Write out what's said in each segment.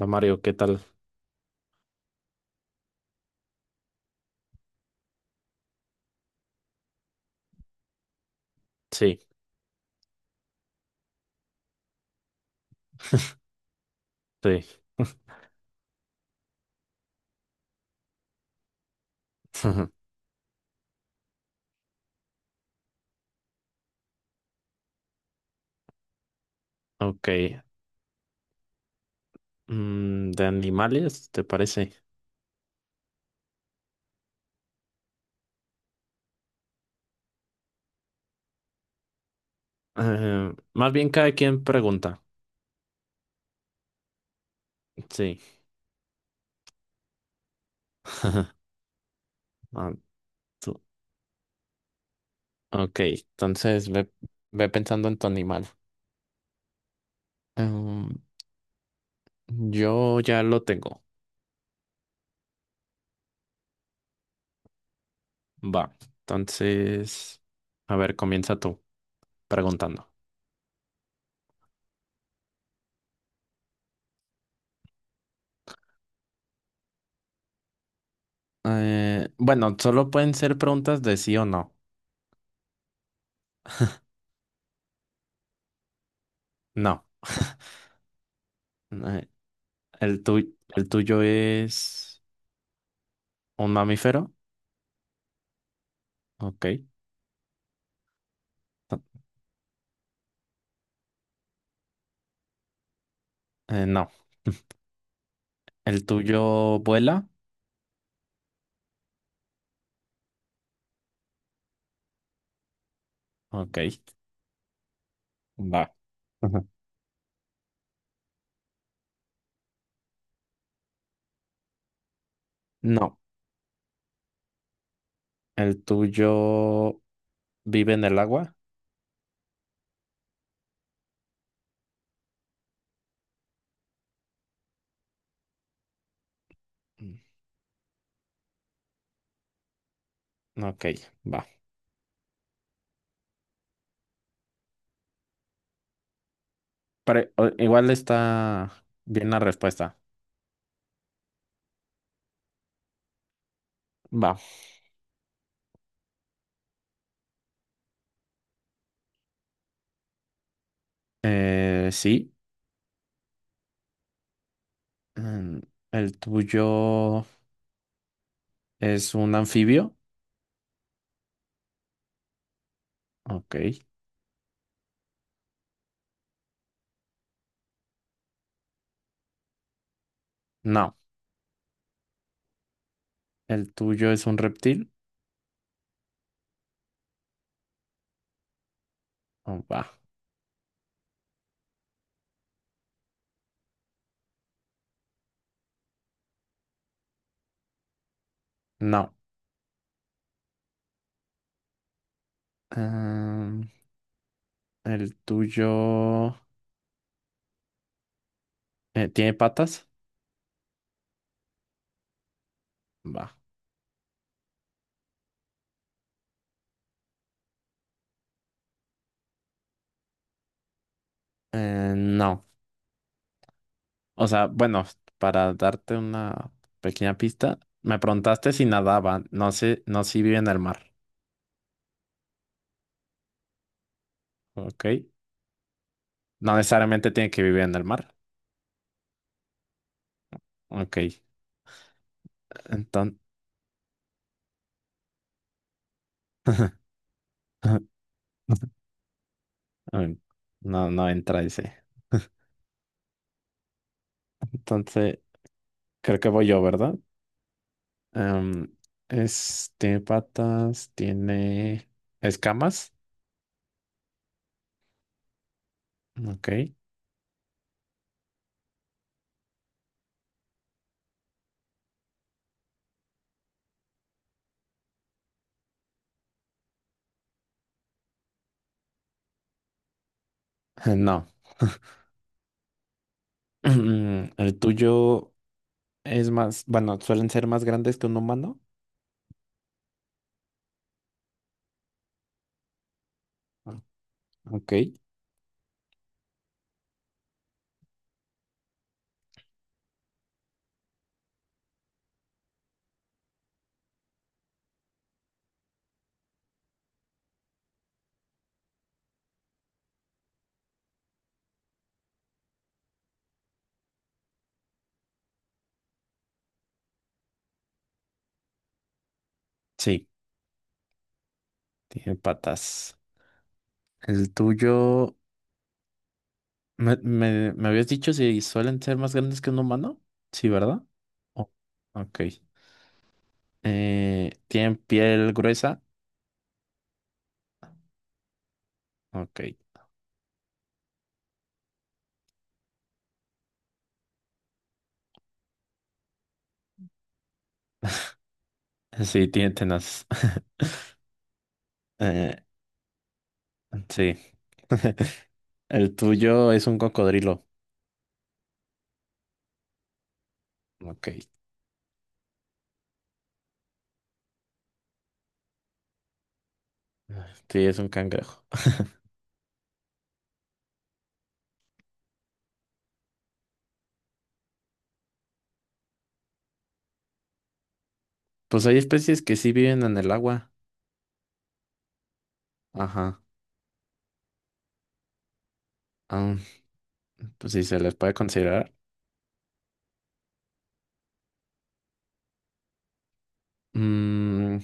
Va Mario, ¿qué tal? Sí, sí. Ok. ¿De animales, te parece? Más bien cada quien pregunta. Sí. Ah, tú- Ok, entonces ve, ve pensando en tu animal. Em, yo ya lo tengo. Va. Entonces, a ver, comienza tú preguntando. Bueno, solo pueden ser preguntas de sí o no. No. Eh, El tuyo, el tuyo es un mamífero. Ok. No, no. ¿El tuyo vuela? Ok. Va. Ujú. No. ¿El tuyo vive en el agua? Mm, ok, va. Pero igual está bien la respuesta. Va. Sí. Mm, ¿el tuyo es un anfibio? Ok. No. ¿El tuyo es un reptil? Oh, va. No. Em, ¿El tuyo tiene patas? Va. No. O sea, bueno, para darte una pequeña pista, me preguntaste si nadaban, no sé, no si viven en el mar, ¿ok? No necesariamente tienen que vivir en el mar, ¿ok? Entonces, no, no entra ese. Entonces, creo que voy yo, ¿verdad? Em, es, tiene patas, tiene escamas, ¿ok? No. El tuyo es más, bueno, suelen ser más grandes que un humano. Ah, ¿ok? Sí. Tiene patas. El tuyo, me habías dicho si suelen ser más grandes que un humano. Sí, ¿verdad? Oh, ok. ¿Tienen piel gruesa? Ok. Sí, tiene tenaz. Eh, sí. El tuyo es un cocodrilo. Ok. Sí, es un cangrejo. Pues hay especies que sí viven en el agua. Ajá. Ah, pues sí, se les puede considerar. Mm,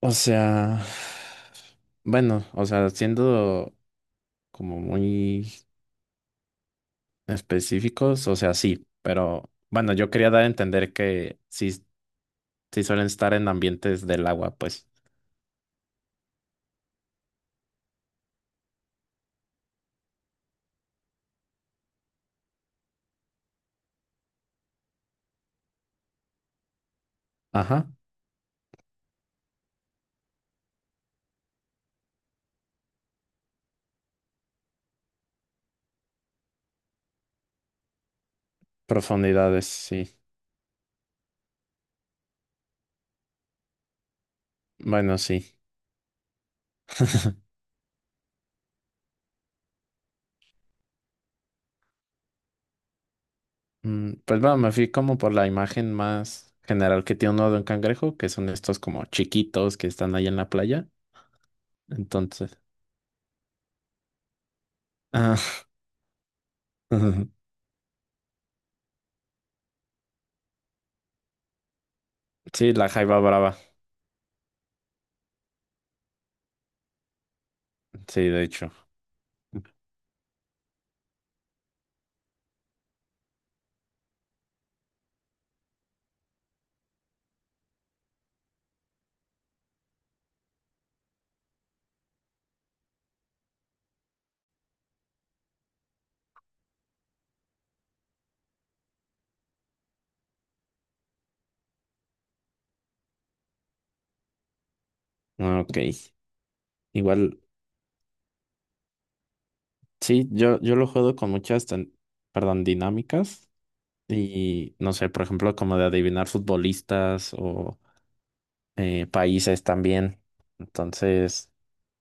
o sea, bueno, o sea, siendo como muy específicos, o sea, sí, pero bueno, yo quería dar a entender que sí, sí suelen estar en ambientes del agua, pues. Ajá, profundidades, sí. Bueno, sí. Mm, pues bueno, me fui como por la imagen más general que tiene uno de un cangrejo, que son estos como chiquitos que están ahí en la playa. Entonces, ah, sí, la jaiba brava, sí, de hecho. Ah, ok. Igual, sí, yo lo juego con muchas, perdón, dinámicas y no sé, por ejemplo, como de adivinar futbolistas o países también. Entonces,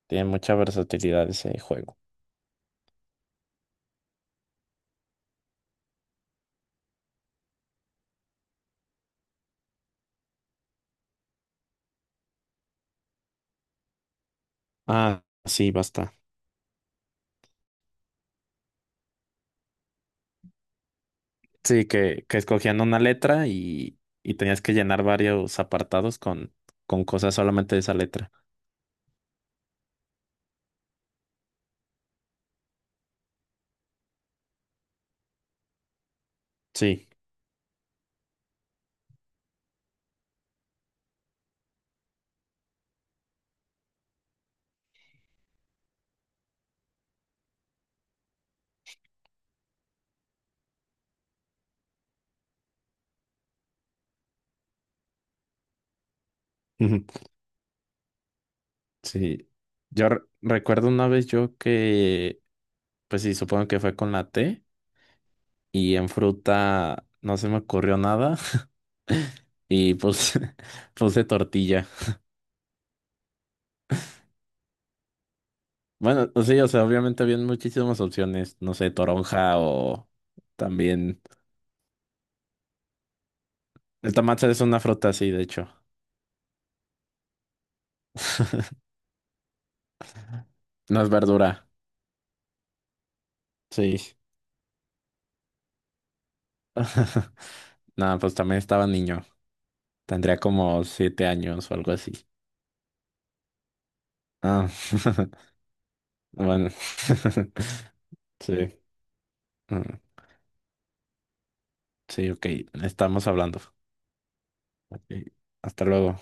tiene mucha versatilidad ese juego. Ah, sí, basta. Sí, que escogían una letra y tenías que llenar varios apartados con cosas solamente de esa letra. Sí, sí. Yo recuerdo una vez yo que, pues sí, supongo que fue con la T. Y en fruta no se me ocurrió nada. Y pues puse tortilla. Bueno, o sí, o sea, obviamente habían muchísimas opciones. No sé, toronja o también. El tomate es una fruta, sí, de hecho. No es verdura. Sí. Nada, pues también estaba niño. Tendría como 7 años o algo así. Ah, bueno. Sí. Mm, sí, ok. Estamos hablando. Ok, hasta luego.